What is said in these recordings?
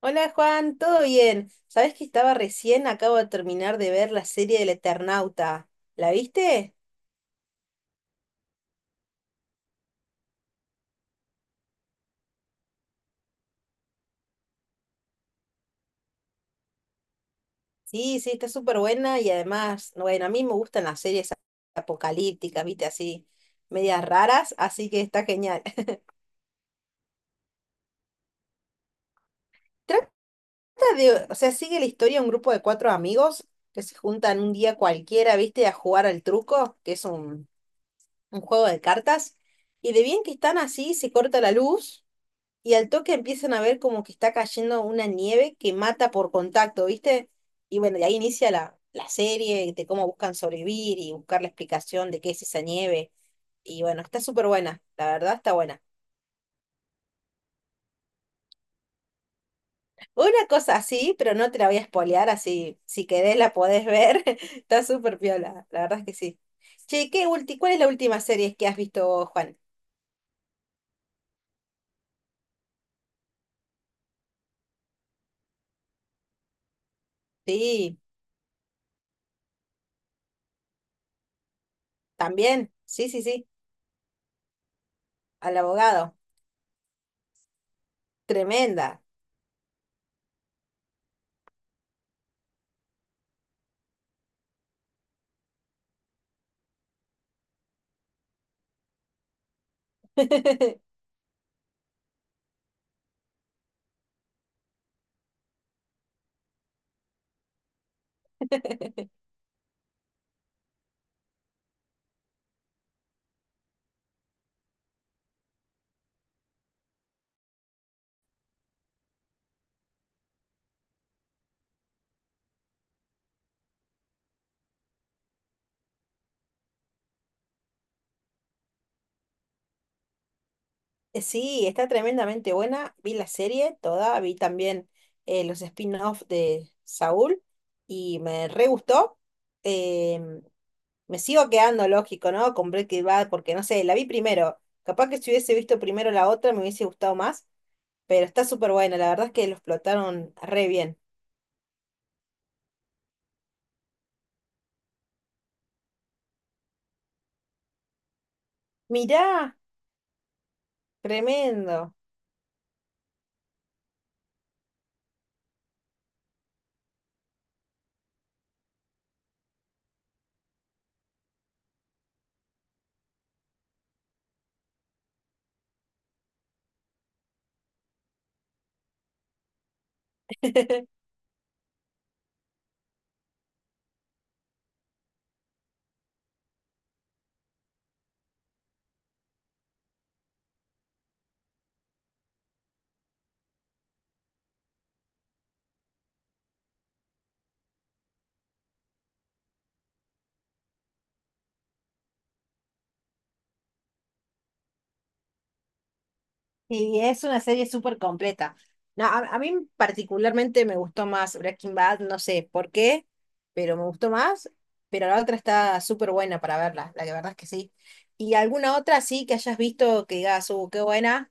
Hola Juan, ¿todo bien? ¿Sabés que estaba recién, acabo de terminar de ver la serie del Eternauta? ¿La viste? Sí, sí, está súper buena y además, bueno, a mí me gustan las series apocalípticas, viste, así, medias raras, así que está genial. Trata de, o sea, sigue la historia de un grupo de cuatro amigos que se juntan un día cualquiera, viste, a jugar al truco, que es un juego de cartas, y de bien que están así, se corta la luz. Y al toque empiezan a ver como que está cayendo una nieve que mata por contacto, ¿viste? Y bueno, de ahí inicia la serie de cómo buscan sobrevivir y buscar la explicación de qué es esa nieve. Y bueno, está súper buena, la verdad está buena. Una cosa así, pero no te la voy a spoilear, así si querés la podés ver. Está súper piola, la verdad es que sí. Che, ¿qué ulti cuál es la última serie que has visto, vos, Juan? Sí, también, sí, sí, sí, al abogado. Tremenda. Sí, está tremendamente buena. Vi la serie toda, vi también los spin-off de Saúl y me re gustó. Em, Me sigo quedando lógico, ¿no? Con Breaking Bad porque no sé, la vi primero. Capaz que si hubiese visto primero la otra me hubiese gustado más, pero está súper buena. La verdad es que lo explotaron re bien. Mirá, tremendo. Y es una serie súper completa. No, a mí particularmente me gustó más Breaking Bad, no sé por qué, pero me gustó más. Pero la otra está súper buena para verla, la que verdad es que sí. ¿Y alguna otra sí que hayas visto que digas, qué buena?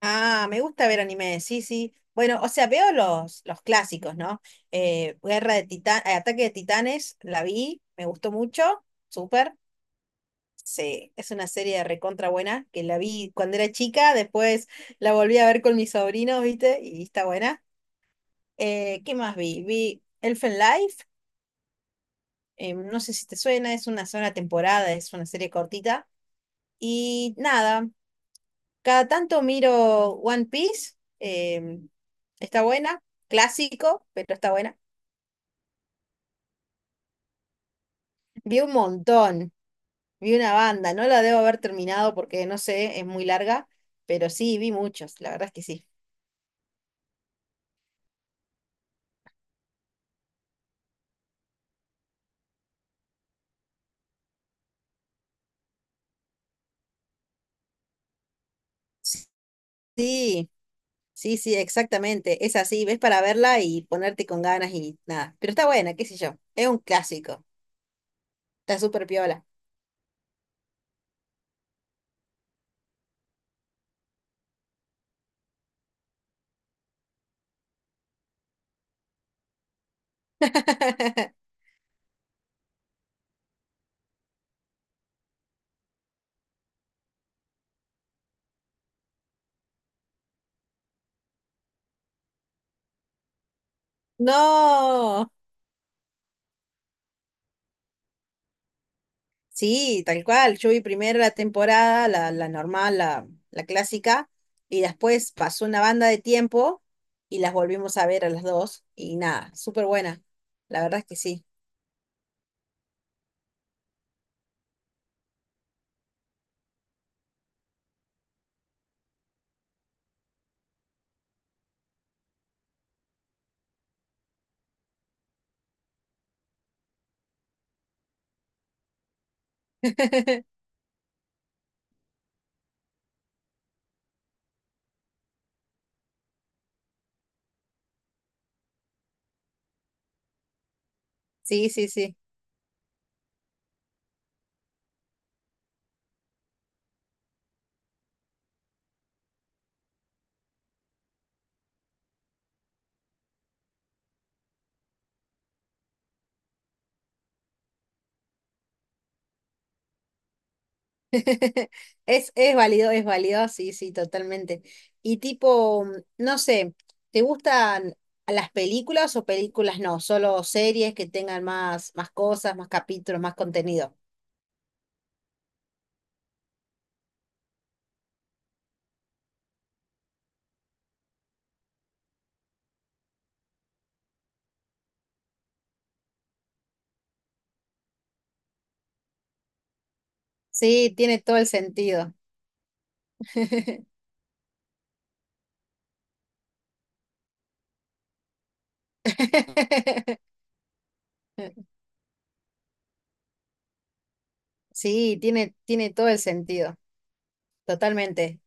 Ah, me gusta ver anime, sí, sí. Bueno, o sea, veo los clásicos, ¿no? Guerra de Titanes, Ataque de Titanes, la vi, me gustó mucho, súper. Sí, es una serie recontra buena que la vi cuando era chica, después la volví a ver con mis sobrinos, ¿viste? Y está buena. ¿Qué más vi? Vi Elfen Life, no sé si te suena, es una sola temporada, es una serie cortita. Y nada, cada tanto miro One Piece, eh, está buena, clásico, pero está buena. Vi un montón, vi una banda, no la debo haber terminado porque no sé, es muy larga, pero sí, vi muchos, la verdad es que sí. Sí. Sí, sí, exactamente. Es así, ves para verla y ponerte con ganas y nada. Pero está buena, qué sé yo. Es un clásico. Está súper piola. No. Sí, tal cual. Yo vi primero la temporada, la normal, la clásica, y después pasó una banda de tiempo y las volvimos a ver a las dos. Y nada, súper buena. La verdad es que sí. Sí, sí, sí. Es válido, sí, sí, totalmente. Y tipo, no sé, ¿te gustan las películas o películas no? Solo series que tengan más, más cosas, más capítulos, más contenido. Sí, tiene todo el sentido. Sí, tiene, tiene todo el sentido, totalmente.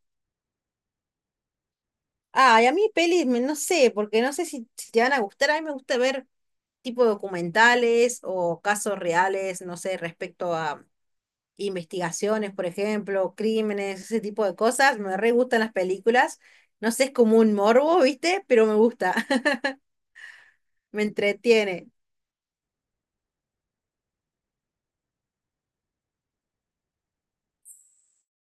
Ah, y a mí pelis, me- no sé, porque no sé si, si te van a gustar. A mí me gusta ver tipo documentales o casos reales, no sé, respecto a, investigaciones, por ejemplo, crímenes, ese tipo de cosas. Me re gustan las películas. No sé, es como un morbo, ¿viste? Pero me gusta, me entretiene.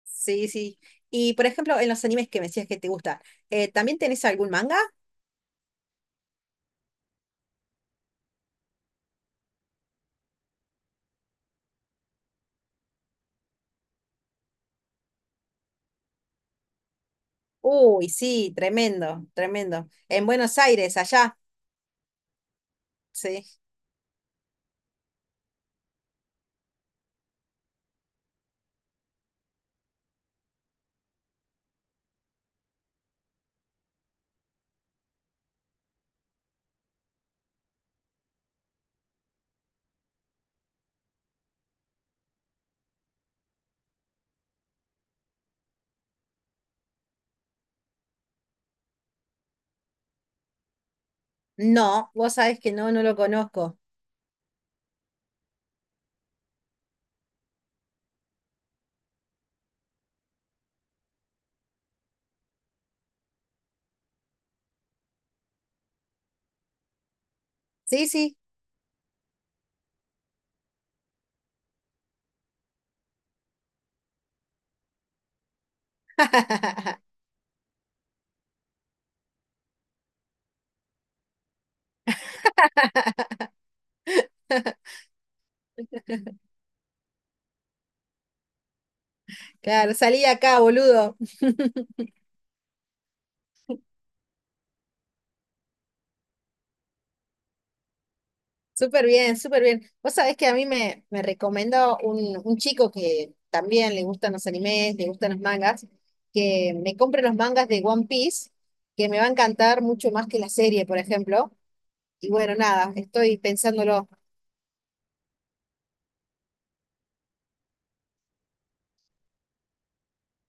Sí, sí. Y por ejemplo, en los animes que me decías que te gusta, ¿también tenés algún manga? Uy, sí, tremendo, tremendo. En Buenos Aires, allá, sí. No, vos sabés que no, no lo conozco. Sí, sí. Claro, salí de acá, boludo. Súper bien, súper bien. Vos sabés que a mí me, me recomendó un chico que también le gustan los animes, le gustan los mangas, que me compre los mangas de One Piece, que me va a encantar mucho más que la serie, por ejemplo. Y bueno, nada, estoy pensándolo.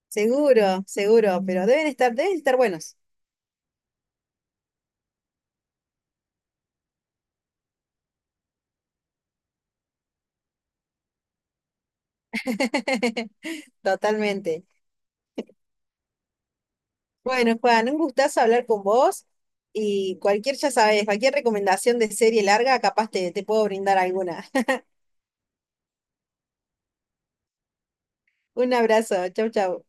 Seguro, seguro, pero deben estar buenos. Totalmente. Bueno, Juan, un gustazo hablar con vos y cualquier, ya sabes, cualquier recomendación de serie larga, capaz te, te puedo brindar alguna. Un abrazo, chau, chau.